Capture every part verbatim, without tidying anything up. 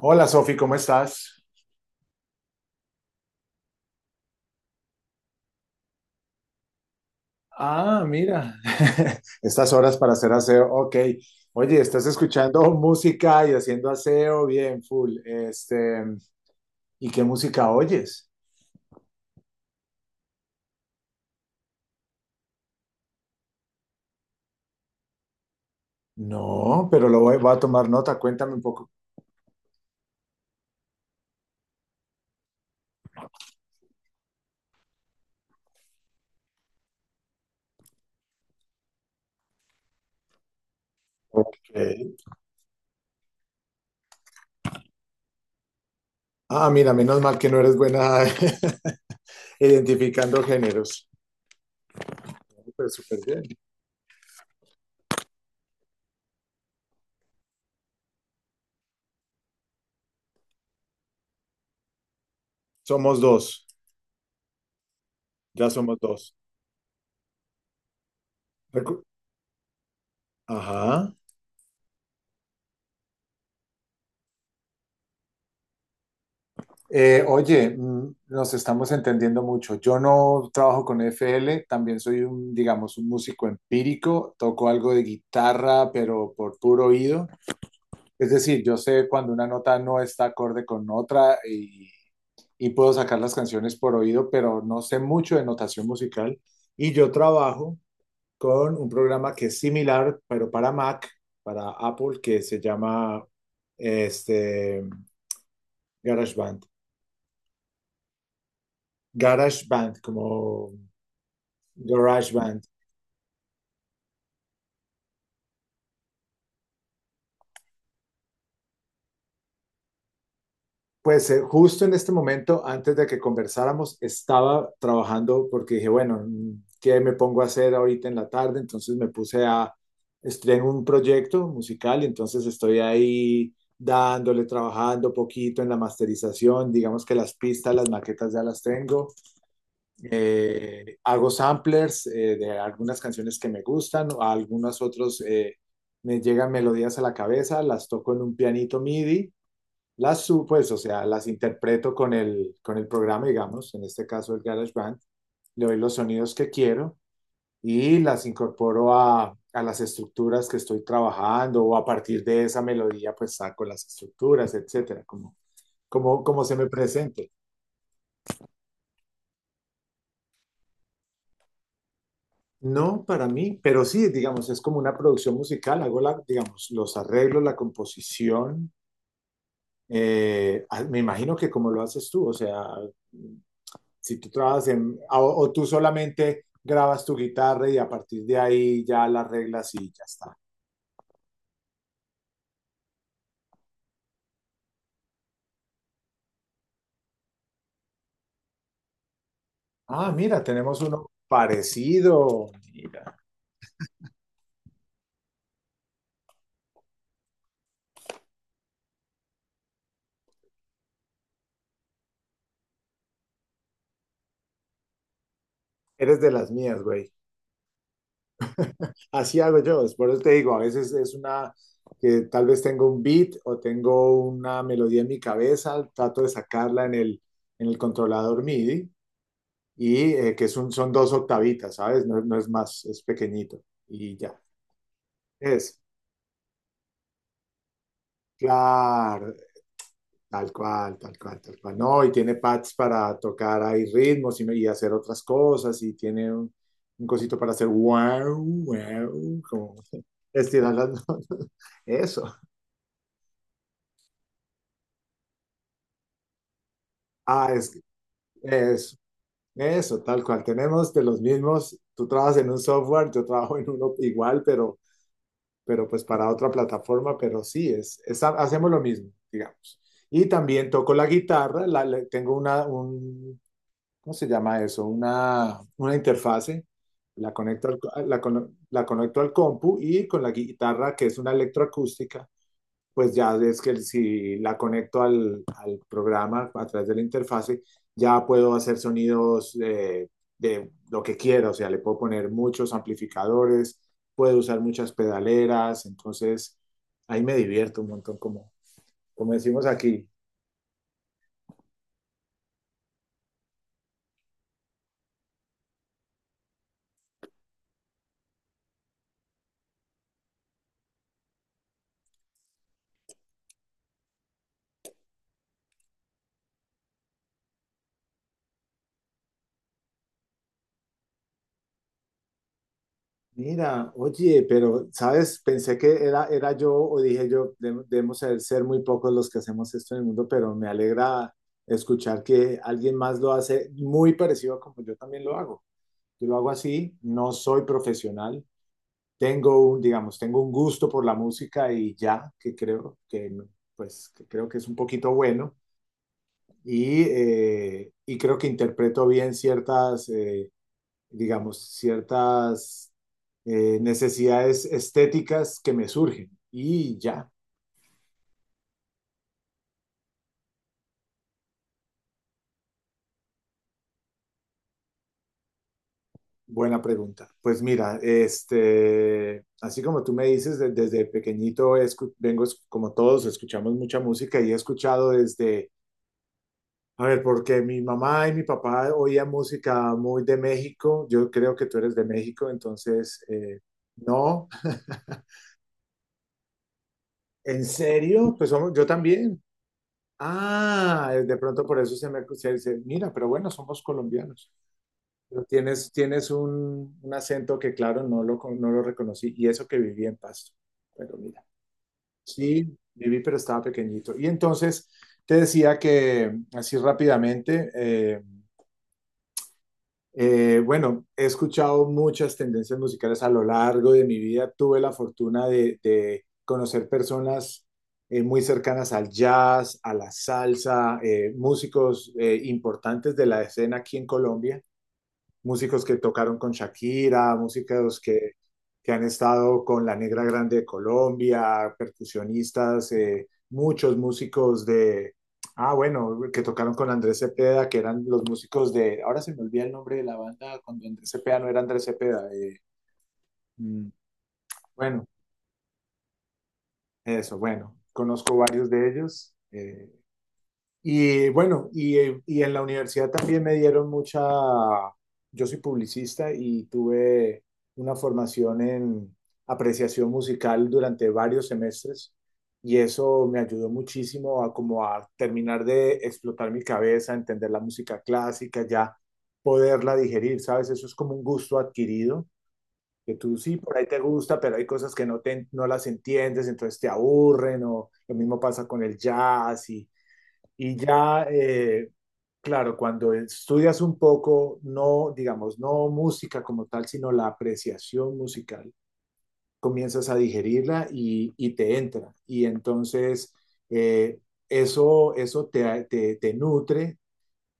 Hola Sofi, ¿cómo estás? Ah, mira, estas horas para hacer aseo, ok. Oye, estás escuchando música y haciendo aseo, bien, full. Este, ¿y qué música oyes? No, pero lo voy, voy a tomar nota, cuéntame un poco. Ok. Ah, mira, menos mal que no eres buena identificando géneros. Súper, súper bien. Somos dos, ya somos dos. Recu- Ajá. Eh, oye, mm, nos estamos entendiendo mucho. Yo no trabajo con F L. También soy un, digamos, un músico empírico, toco algo de guitarra, pero por puro oído. Es decir, yo sé cuando una nota no está acorde con otra y, y puedo sacar las canciones por oído, pero no sé mucho de notación musical. Y yo trabajo con un programa que es similar, pero para Mac, para Apple, que se llama este, GarageBand. GarageBand, como GarageBand. Pues eh, justo en este momento, antes de que conversáramos, estaba trabajando porque dije, bueno, ¿qué me pongo a hacer ahorita en la tarde? Entonces me puse a, estoy en un proyecto musical y entonces estoy ahí dándole, trabajando poquito en la masterización, digamos que las pistas, las maquetas ya las tengo. Eh, hago samplers eh, de algunas canciones que me gustan, a algunas otras eh, me llegan melodías a la cabeza, las toco en un pianito M I D I. Las su- pues, o sea, las interpreto con el, con el programa, digamos, en este caso el GarageBand, le doy los sonidos que quiero y las incorporo a, a las estructuras que estoy trabajando o a partir de esa melodía, pues saco las estructuras, etcétera, como, como, como se me presente. No para mí, pero sí, digamos, es como una producción musical, hago la, digamos, los arreglos, la composición, eh, ah, me imagino que como lo haces tú, o sea, si tú trabajas en, o, o tú solamente grabas tu guitarra y a partir de ahí ya las reglas y ya está. Ah, mira, tenemos uno parecido. Mira, eres de las mías, güey. Así hago yo, es por eso te digo, a veces es una que tal vez tengo un beat o tengo una melodía en mi cabeza, trato de sacarla en el, en el controlador M I D I y eh, que es un, son dos octavitas, ¿sabes? No, no es más, es pequeñito y ya. Es, claro, tal cual, tal cual, tal cual. No, y tiene pads para tocar ahí ritmos y, me- y hacer otras cosas y tiene un, un cosito para hacer wow, wow, como estirar las notas. Eso. Ah, es, eso, eso, tal cual. Tenemos de los mismos, tú trabajas en un software, yo trabajo en uno igual, pero, pero pues para otra plataforma, pero sí, es, es hacemos lo mismo, digamos. Y también toco la guitarra, la, la- tengo una, un ¿cómo se llama eso? Una, una interfase, la conecto al, co- ah, la, cono- la conecto al compu y con la guitarra, que es una electroacústica, pues ya es que si la conecto al, al programa a través de la interfase, ya puedo hacer sonidos eh, de lo que quiera, o sea, le puedo poner muchos amplificadores, puedo usar muchas pedaleras, entonces ahí me divierto un montón, como, como decimos aquí. Mira, oye, pero, ¿sabes? Pensé que era, era yo o dije yo, de- debemos ser, ser muy pocos los que hacemos esto en el mundo, pero me alegra escuchar que alguien más lo hace muy parecido a como yo también lo hago. Yo lo hago así, no soy profesional, tengo un, digamos, tengo un gusto por la música y ya, que creo que, pues, que creo que es un poquito bueno y, eh, y creo que interpreto bien ciertas... eh, digamos, ciertas eh, necesidades estéticas que me surgen. Y ya, buena pregunta. Pues mira, este, así como tú me dices, de- desde pequeñito escu- vengo, es- como todos, escuchamos mucha música y he escuchado desde, a ver, porque mi mamá y mi papá oían música muy de México. Yo creo que tú eres de México, entonces, eh, no, en serio, pues somos- yo también. Ah, de pronto por eso se me se dice, mira, pero bueno, somos colombianos. Pero tienes, tienes un, un acento que, claro, no lo, con- no lo reconocí. Y eso que viví en Pasto. Pero mira, sí, viví, pero estaba pequeñito. Y entonces te decía que, así rápidamente, eh, eh, bueno, he escuchado muchas tendencias musicales a lo largo de mi vida. Tuve la fortuna de, de conocer personas eh, muy cercanas al jazz, a la salsa, eh, músicos eh, importantes de la escena aquí en Colombia, músicos que tocaron con Shakira, músicos que, que han estado con la Negra Grande de Colombia, percusionistas, eh, muchos músicos de, ah, bueno, que tocaron con Andrés Cepeda, que eran los músicos de, ahora se me olvida el nombre de la banda, cuando Andrés Cepeda no era Andrés Cepeda. eh, mm, bueno, eso, bueno, conozco varios de ellos. eh, Y bueno, y, eh, y en la universidad también me dieron mucha, yo soy publicista y tuve una formación en apreciación musical durante varios semestres y eso me ayudó muchísimo a como a terminar de explotar mi cabeza, entender la música clásica, ya poderla digerir, ¿sabes? Eso es como un gusto adquirido, que tú sí, por ahí te gusta, pero hay cosas que no, te, no las entiendes, entonces te aburren o lo mismo pasa con el jazz y y ya, eh, claro, cuando estudias un poco, no, digamos, no música como tal, sino la apreciación musical, comienzas a digerirla y, y te entra. Y entonces eh, eso, eso te, te, te nutre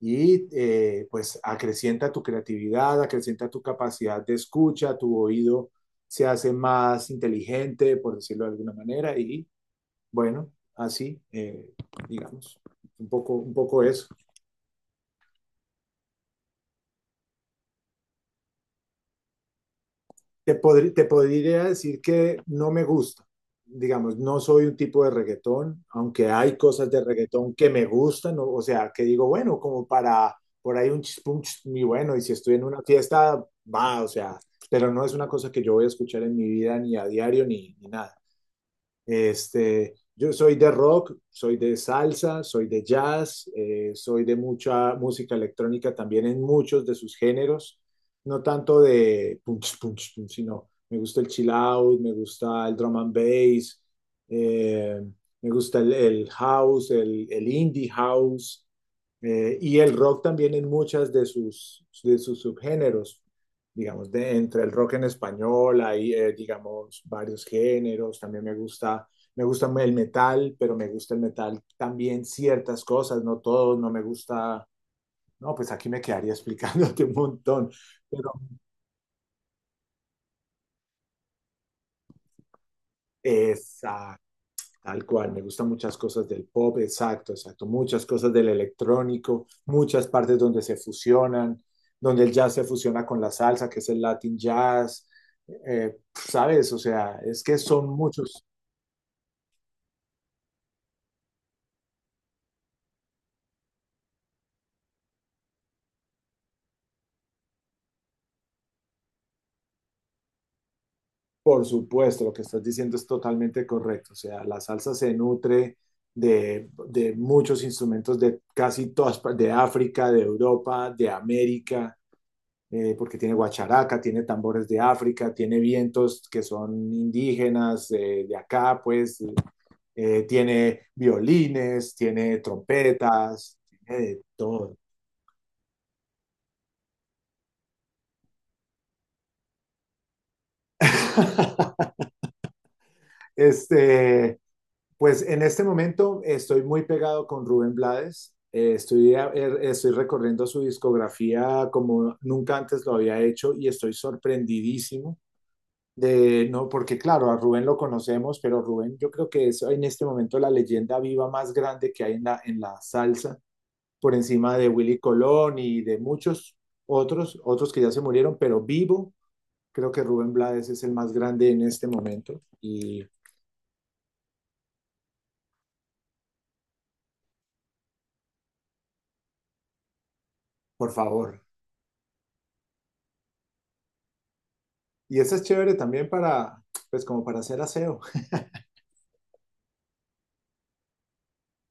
y eh, pues acrecienta tu creatividad, acrecienta tu capacidad de escucha, tu oído se hace más inteligente, por decirlo de alguna manera, y bueno, así, eh, digamos, un poco, un poco eso. Te, podr- te podría decir que no me gusta. Digamos, no soy un tipo de reggaetón, aunque hay cosas de reggaetón que me gustan, o, o sea, que digo, bueno, como para por ahí un chispum, y bueno, y si estoy en una fiesta, va, o sea, pero no es una cosa que yo voy a escuchar en mi vida ni a diario ni, ni nada. Este, yo soy de rock, soy de salsa, soy de jazz, eh, soy de mucha música electrónica también en muchos de sus géneros, no tanto de punch, punch, punch, sino me gusta el chill out, me gusta el drum and bass, eh, me gusta el, el house, el, el indie house eh, y el rock también en muchas de sus, de sus subgéneros, digamos, de, entre el rock en español, hay, eh, digamos, varios géneros, también me gusta, me gusta el metal, pero me gusta el metal también ciertas cosas, no todo, no me gusta, no, pues aquí me quedaría explicándote un montón, pero esa, tal cual, me gustan muchas cosas del pop, exacto, exacto, muchas cosas del electrónico, muchas partes donde se fusionan, donde el jazz se fusiona con la salsa, que es el Latin jazz, eh, sabes, o sea, es que son muchos. Por supuesto, lo que estás diciendo es totalmente correcto. O sea, la salsa se nutre de, de muchos instrumentos de casi todas, par- de África, de Europa, de América, eh, porque tiene guacharaca, tiene tambores de África, tiene vientos que son indígenas eh, de acá, pues, eh, tiene violines, tiene trompetas, tiene de todo. Este, Pues en este momento estoy muy pegado con Rubén Blades. Eh, estoy, a- er- estoy recorriendo su discografía como nunca antes lo había hecho y estoy sorprendidísimo de, no, porque claro, a Rubén lo conocemos, pero Rubén yo creo que es en este momento la leyenda viva más grande que hay en la, en la salsa, por encima de Willy Colón y de muchos otros, otros que ya se murieron, pero vivo, creo que Rubén Blades es el más grande en este momento y por favor. Y eso es chévere también para, pues como para hacer aseo.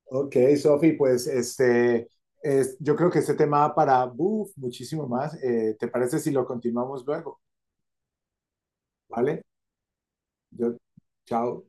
Ok, Sofi, pues este, es- yo creo que este tema da para uf, muchísimo más. Eh, ¿te parece si lo continuamos luego? ¿Vale? Yo, chao.